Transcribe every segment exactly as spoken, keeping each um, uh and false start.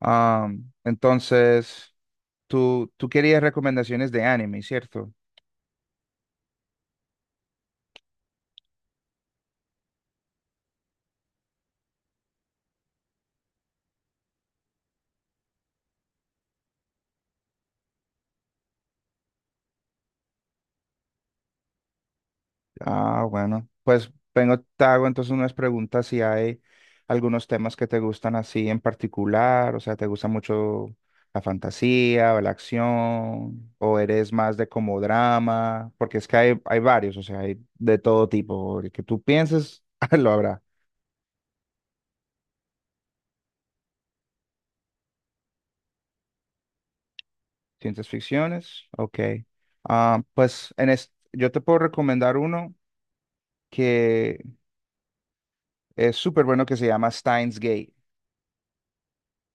Ah, entonces, tú, tú querías recomendaciones de anime, ¿cierto? Ah, bueno, pues vengo, te hago entonces unas preguntas si hay algunos temas que te gustan así en particular, o sea, ¿te gusta mucho la fantasía o la acción? ¿O eres más de como drama? Porque es que hay, hay varios, o sea, hay de todo tipo. El que tú pienses, lo habrá. ¿Ciencias ficciones? Ok. Ah, pues en es- yo te puedo recomendar uno que es súper bueno que se llama Steins Gate,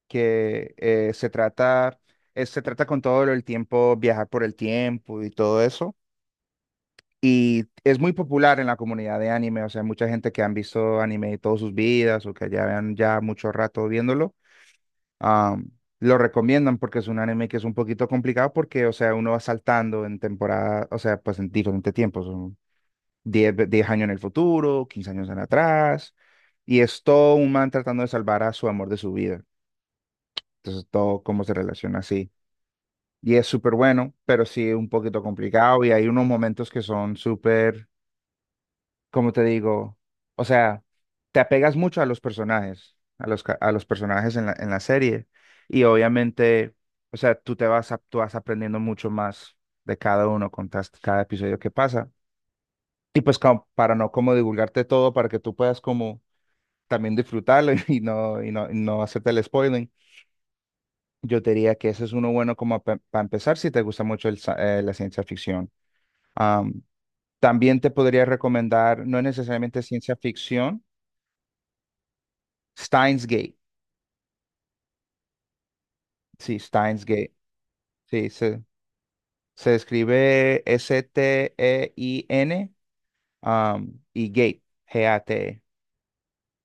que eh, se trata, eh, se trata con todo el tiempo, viajar por el tiempo y todo eso. Y es muy popular en la comunidad de anime, o sea, mucha gente que han visto anime todas sus vidas o que ya vean ya mucho rato viéndolo, am, lo recomiendan porque es un anime que es un poquito complicado porque, o sea, uno va saltando en temporada, o sea, pues en diferentes tiempos, son diez ve- diez años en el futuro, quince años en atrás, y es todo un man tratando de salvar a su amor de su vida. Entonces todo cómo se relaciona así. Y es súper bueno, pero sí un poquito complicado y hay unos momentos que son súper, ¿como te digo? O sea, te apegas mucho a los personajes, a los, ca- a los personajes en la, en la serie y obviamente, o sea, tú te vas, a- tú vas aprendiendo mucho más de cada uno con tas- cada episodio que pasa. Y pues como para no como divulgarte todo, para que tú puedas como también disfrutarlo y no, y no, y no hacerte el spoiling. Yo te diría que ese es uno bueno como para empezar si te gusta mucho el sa- eh, la ciencia ficción. Am, También te podría recomendar, no es necesariamente ciencia ficción, Steins Gate. Sí, Steins Gate. Sí, se, se escribe S T E I N, am, y Gate, G A T E.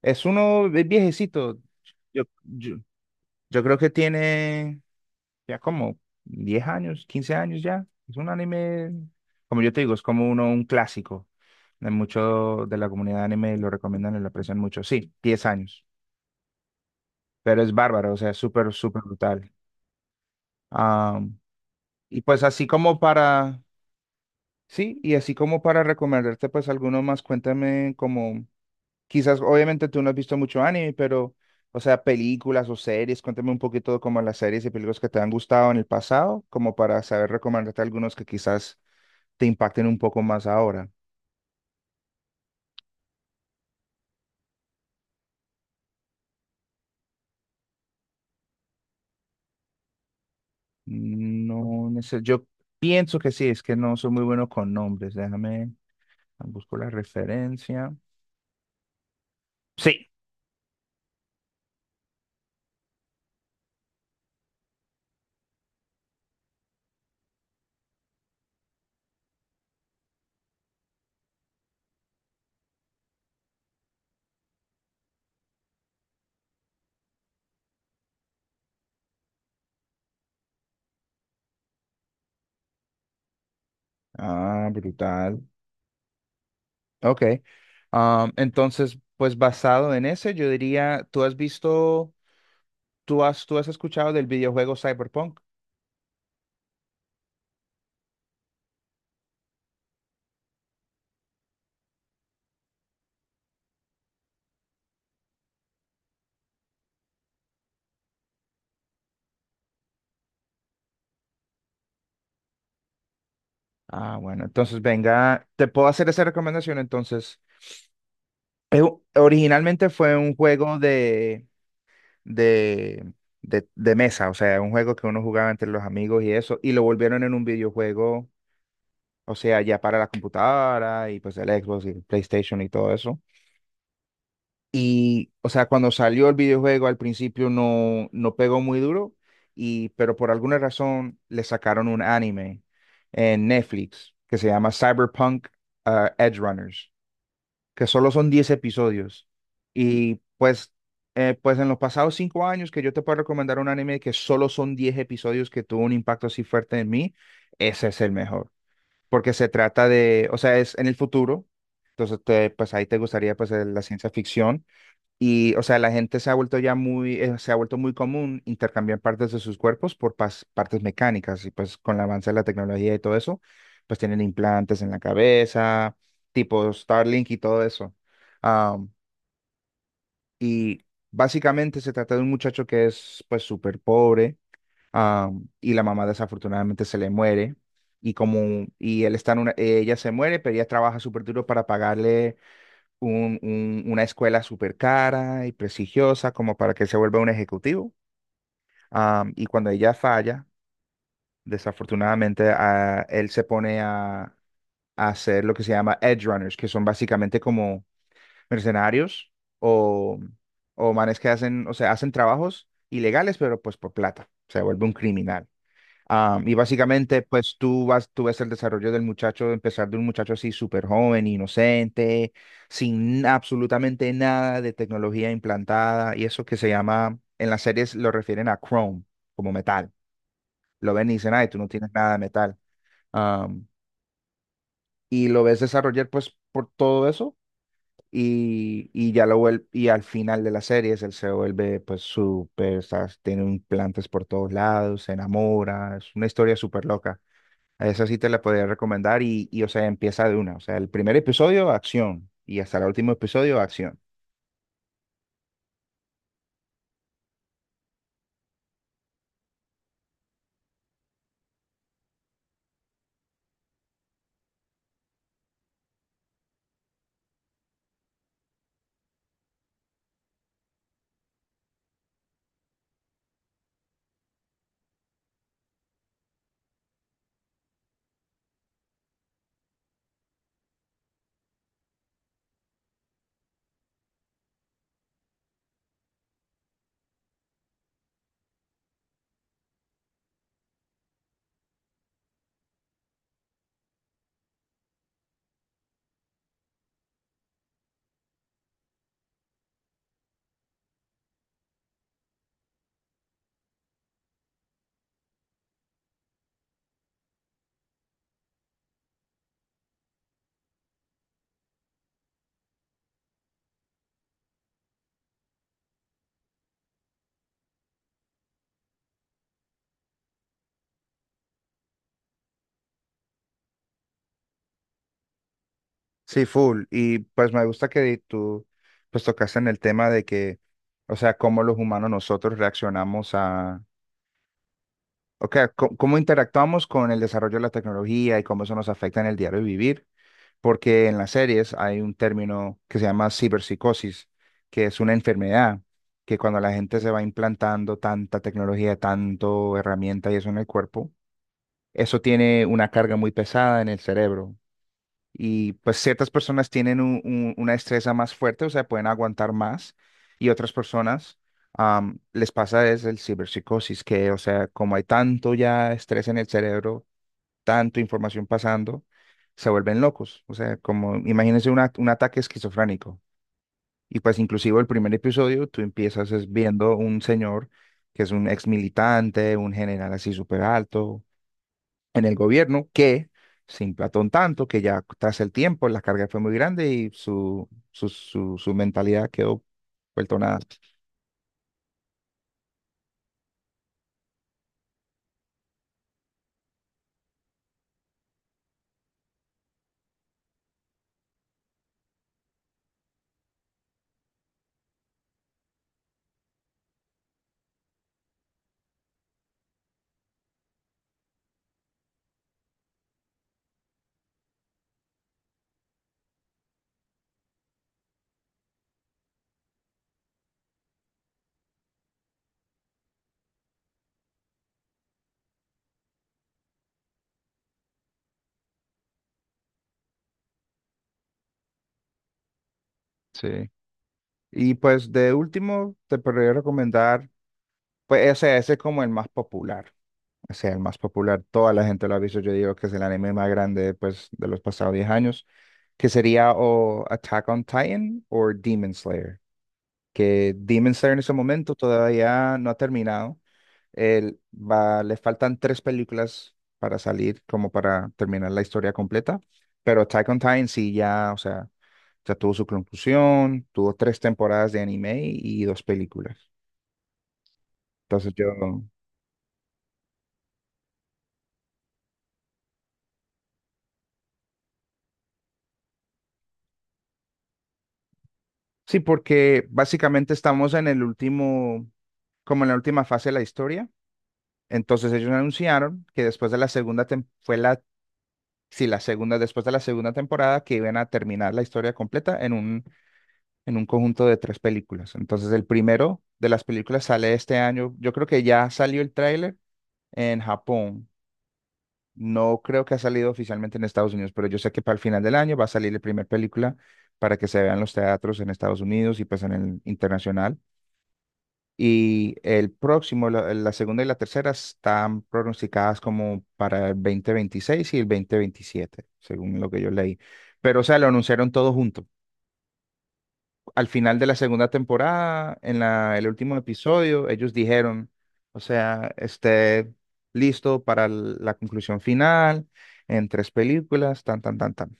Es uno vi- viejecito. Yo, yo, yo creo que tiene ya como diez años, quince años ya. Es un anime, como yo te digo, es como uno, un clásico. De mucho de la comunidad de anime lo recomiendan y lo aprecian mucho. Sí, diez años, pero es bárbaro, o sea, es súper, súper brutal. Ah, y pues así como para, sí, y así como para recomendarte pues alguno más, cuéntame como, quizás obviamente tú no has visto mucho anime, pero, o sea, películas o series, cuéntame un poquito como las series y películas que te han gustado en el pasado, como para saber recomendarte algunos que quizás te impacten un poco más ahora. No, neces- yo pienso que sí, es que no soy muy bueno con nombres. Déjame, busco la referencia. Sí. Ah, brutal. Ok. Am, entonces, pues basado en ese, yo diría, ¿tú has visto, tú has, tú has escuchado del videojuego Cyberpunk? Ah, bueno, entonces venga, te puedo hacer esa recomendación. Entonces, Eh, originalmente fue un juego de de, de, de mesa, o sea, un juego que uno jugaba entre los amigos y eso, y lo volvieron en un videojuego, o sea, ya para la computadora y pues el Xbox y el PlayStation y todo eso. Y, o sea, cuando salió el videojuego al principio no, no pegó muy duro, y, pero por alguna razón le sacaron un anime en Netflix que se llama Cyberpunk ah, Edge Runners, que solo son diez episodios. Y pues, eh, pues en los pasados cinco años que yo te puedo recomendar un anime que solo son diez episodios que tuvo un impacto así fuerte en mí, ese es el mejor. Porque se trata de, o sea, es en el futuro. Entonces, te- pues ahí te gustaría pues el- la ciencia ficción, y, o sea, la gente se ha vuelto ya muy, eh, se ha vuelto muy común intercambiar partes de sus cuerpos por pas- partes mecánicas. Y pues con el avance de la tecnología y todo eso, pues tienen implantes en la cabeza, tipo Starlink y todo eso. Am, y básicamente se trata de un muchacho que es pues súper pobre, am, y la mamá desafortunadamente se le muere. Y como, y él está en una, ella se muere, pero ella trabaja súper duro para pagarle un- un- una escuela súper cara y prestigiosa como para que se vuelva un ejecutivo. Am, y cuando ella falla, desafortunadamente, a- él se pone a, a hacer lo que se llama edge runners, que son básicamente como mercenarios o, o manes que hacen, o sea, hacen trabajos ilegales, pero pues por plata. Se vuelve un criminal. Ah, y básicamente, pues tú vas, tú ves el desarrollo del muchacho, empezar de un muchacho así súper joven, inocente, sin absolutamente nada de tecnología implantada, y eso que se llama, en las series lo refieren a Chrome, como metal. Lo ven y dicen, ay, tú no tienes nada de metal. Ah, y lo ves desarrollar, pues, por todo eso, y, y ya lo vuelve, y al final de las series, él se vuelve, pues, súper, o sea, tiene implantes por todos lados, se enamora, es una historia súper loca. Esa sí te la podría recomendar y, y, o sea, empieza de una. O sea, el primer episodio, acción. Y hasta el último episodio, acción. Sí, full. Y pues me gusta que tú, pues tocaste en el tema de que, o sea, cómo los humanos nosotros reaccionamos a, o sea, có- cómo interactuamos con el desarrollo de la tecnología y cómo eso nos afecta en el diario vivir. Porque en las series hay un término que se llama ciberpsicosis, que es una enfermedad que cuando la gente se va implantando tanta tecnología, tanto herramienta y eso en el cuerpo, eso tiene una carga muy pesada en el cerebro. Y pues ciertas personas tienen un- un- una destreza más fuerte, o sea, pueden aguantar más. Y otras personas am, les pasa es el ciberpsicosis, que, o sea, como hay tanto ya estrés en el cerebro, tanto información pasando, se vuelven locos. O sea, como imagínense una- un ataque esquizofrénico. Y pues inclusive el primer episodio, tú empiezas es viendo un señor que es un ex militante, un general así súper alto en el gobierno que se emplató un tanto que ya tras el tiempo la carga fue muy grande y su, su, su, su mentalidad quedó vuelto nada. Sí. Y pues de último te podría recomendar, pues ese, ese es como el más popular. O sea, el más popular, toda la gente lo ha visto, yo digo que es el anime más grande pues, de los pasados diez años, que sería o Attack on Titan o Demon Slayer, que Demon Slayer en ese momento todavía no ha terminado. El, va, le faltan tres películas para salir, como para terminar la historia completa. Pero Attack on Titan sí ya, o sea, ya tuvo su conclusión, tuvo tres temporadas de anime y dos películas. Entonces yo, sí, porque básicamente estamos en el último, como en la última fase de la historia. Entonces ellos anunciaron que después de la segunda, tem- fue la, sí, la segunda, después de la segunda temporada que iban a terminar la historia completa en un en un conjunto de tres películas. Entonces, el primero de las películas sale este año. Yo creo que ya salió el tráiler en Japón. No creo que ha salido oficialmente en Estados Unidos, pero yo sé que para el final del año va a salir la primera película para que se vean los teatros en Estados Unidos y pues en el internacional. Y el próximo, la, la segunda y la tercera están pronosticadas como para el dos mil veintiséis y el dos mil veintisiete, según lo que yo leí. Pero, o sea, lo anunciaron todo junto al final de la segunda temporada, en la- el último episodio, ellos dijeron, o sea, esté listo para l- la conclusión final, en tres películas, tan, tan, tan, tan.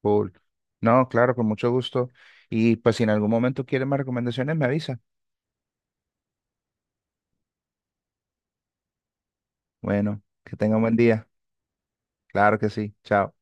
Cool. No, claro, con mucho gusto. Y pues si en algún momento quieren más recomendaciones, me avisa. Bueno, que tenga un buen día. Claro que sí. Chao.